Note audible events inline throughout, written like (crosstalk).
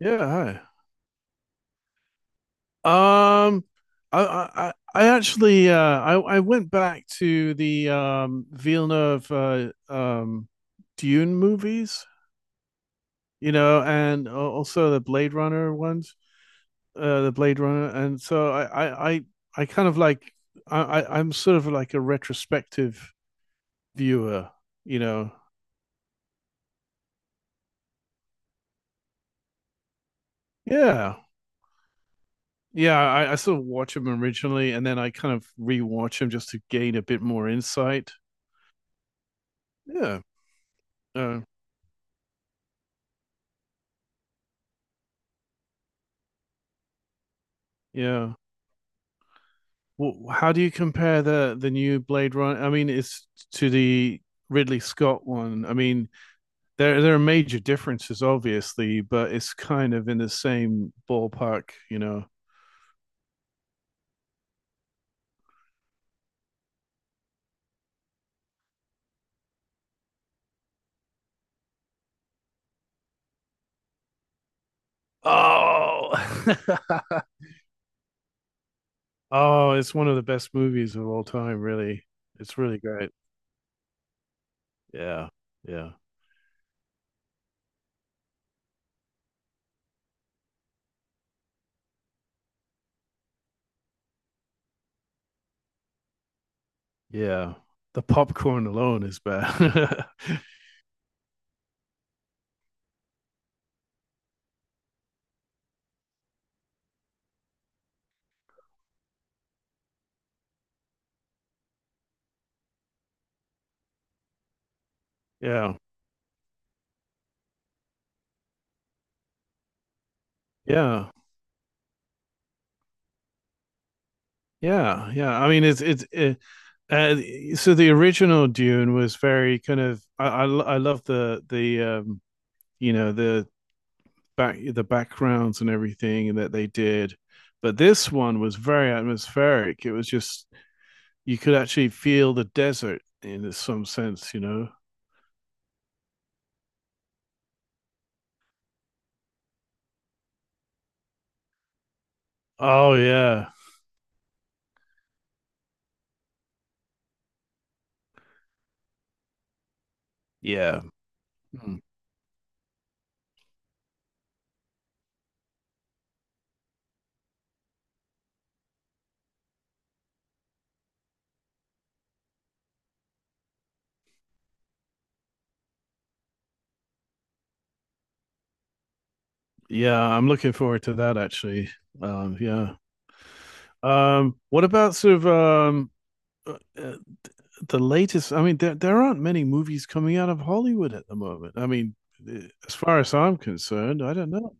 Yeah, hi. I actually I went back to the Villeneuve Dune movies, you know, and also the Blade Runner ones, the Blade Runner, and so I kind of like I'm sort of like a retrospective viewer, you know. Yeah. Yeah, I sort of watch them originally and then I kind of rewatch them just to gain a bit more insight. Yeah. Uh, yeah. Well, how do you compare the new Blade Runner? I mean, it's to the Ridley Scott one. I mean, there are major differences, obviously, but it's kind of in the same ballpark, you know. Oh, (laughs) oh, it's one of the best movies of all time. Really, it's really great. Yeah. Yeah. Yeah. The popcorn alone is bad. (laughs) Yeah. Yeah. Yeah. Yeah. I mean, uh, so the original Dune was very kind of I love the you know the back the backgrounds and everything and that they did. But this one was very atmospheric. It was just you could actually feel the desert in some sense, you know. Oh yeah, yeah, yeah. I'm looking forward to that actually. Um, yeah. What about sort of uh, uh, the latest? I mean, there aren't many movies coming out of Hollywood at the moment. I mean, as far as I'm concerned, I don't know.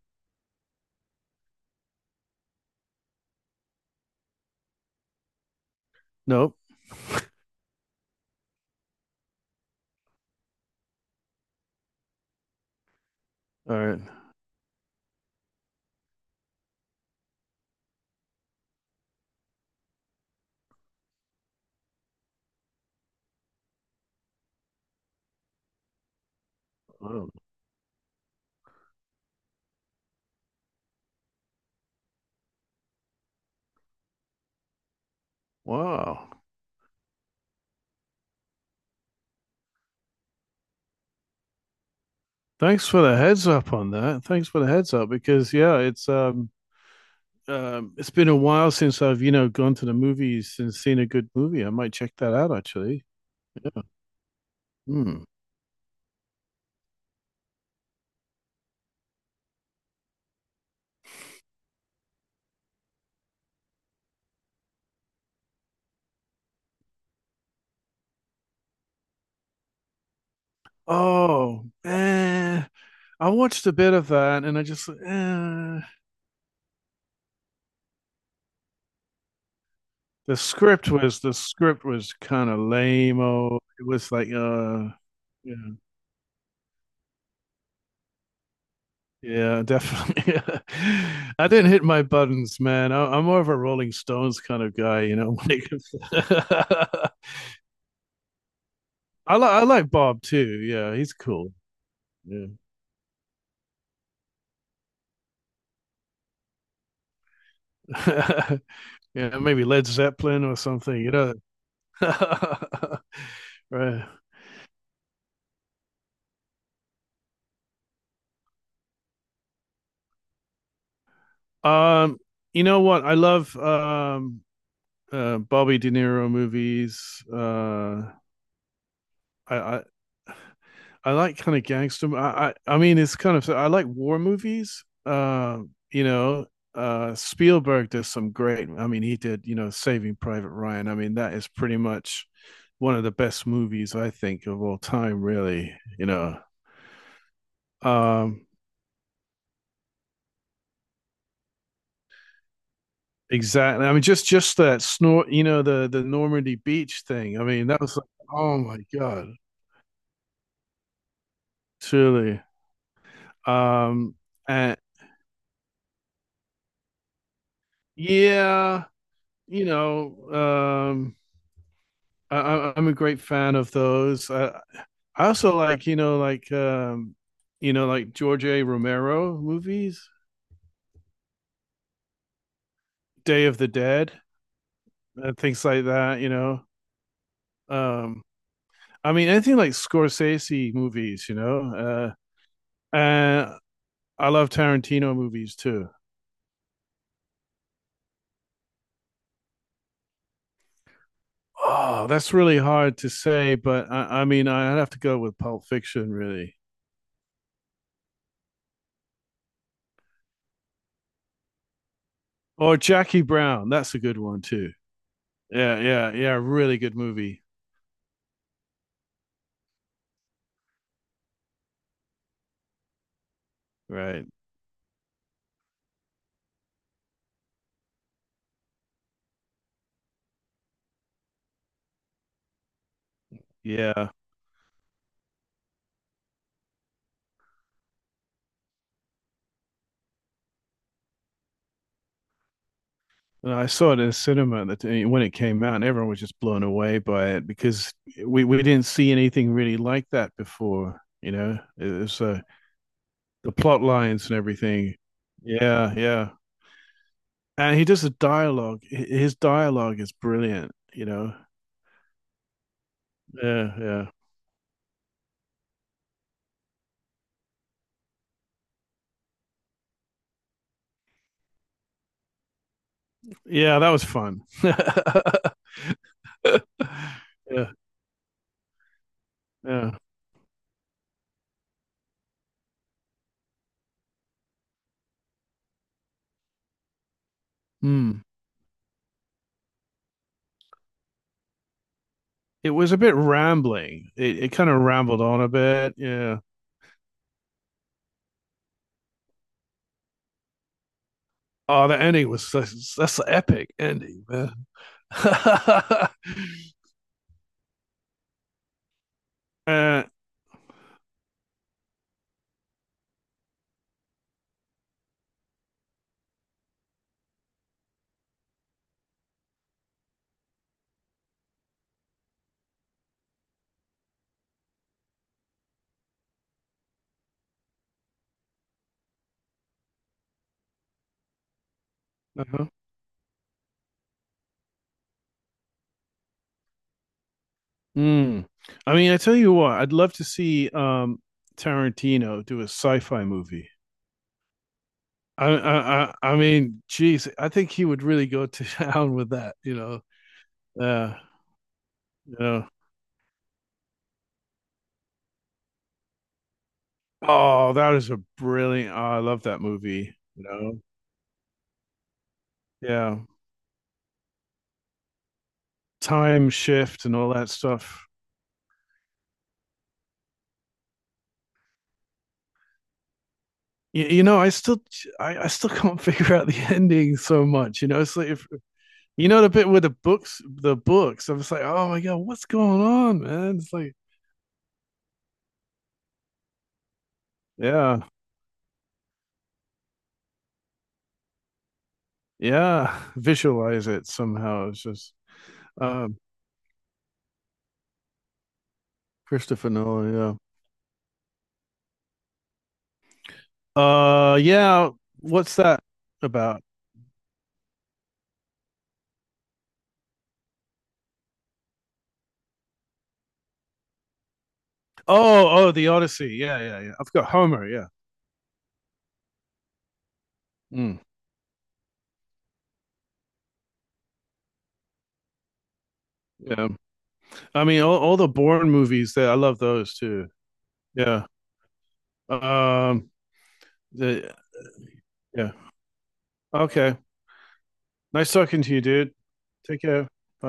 Nope. (laughs) All right. Oh, wow. Thanks for the heads up on that. Thanks for the heads up because yeah, it's been a while since I've gone to the movies and seen a good movie. I might check that out actually. Yeah. Hmm. Oh, eh. I watched a bit of that and I just the script was kind of lame. Oh, it was like yeah, yeah, definitely. (laughs) I didn't hit my buttons, man. I'm more of a Rolling Stones kind of guy, you know. (laughs) when it comes (laughs) I like Bob too. Yeah, he's cool. Yeah, (laughs) yeah, maybe Led Zeppelin or something. You know, (laughs) right? Um, you know what? I love Bobby De Niro movies. I I I like kind of gangster. I mean, it's kind of I like war movies. You know, Spielberg does some great. I mean, he did you know Saving Private Ryan. I mean, that is pretty much one of the best movies I think of all time. Really, you know. Um, exactly. I mean, just that snort. You know, the Normandy beach thing. I mean, that was like, oh my god, truly. Um, and yeah, you know, I'm a great fan of those. I also like, you know, like, you know, like George A. Romero movies, Day of the Dead, and things like that. You know, um, I mean, anything like Scorsese movies. You know, and I love Tarantino movies too. Oh, that's really hard to say, but I mean, I'd have to go with Pulp Fiction, really, or Jackie Brown. That's a good one too. Yeah, yeah, yeah. Really good movie. Right. Yeah. And I saw it in the cinema that when it came out, and everyone was just blown away by it because we didn't see anything really like that before. You know, it was the plot lines and everything. Yeah, yeah. And he does the dialogue. His dialogue is brilliant. You know. Yeah, yeah, yeah. That was fun. (laughs) Yeah, yeah. Hmm. It was a bit rambling. It kind of rambled on a bit. Yeah. Oh, the ending was such, that's an epic ending, man. (laughs) uh, Uh-huh. Mm. I mean, I tell you what, I'd love to see Tarantino do a sci-fi movie. I mean, geez, I think he would really go to (laughs) town with that, you know. Uh, you know. Oh, that is a brilliant. Oh, I love that movie, you know. Yeah. Time shift and all that stuff. You know, I still I still (laughs) can't figure out the (laughs) ending so much, you know. It's like if you know the bit with the books. I was like, oh my god, what's going on, man? It's like, yeah, yeah. (laughs) Visualize it somehow. It's just um, Christopher Nolan. Yeah. Yeah. What's that about? Oh, oh, the Odyssey. Yeah, yeah, yeah. I've got Homer. Yeah. Mm, yeah. I mean, all the Bourne movies. There, I love those too. Yeah. Um. the- yeah. Okay. Nice talking to you, dude. Take care.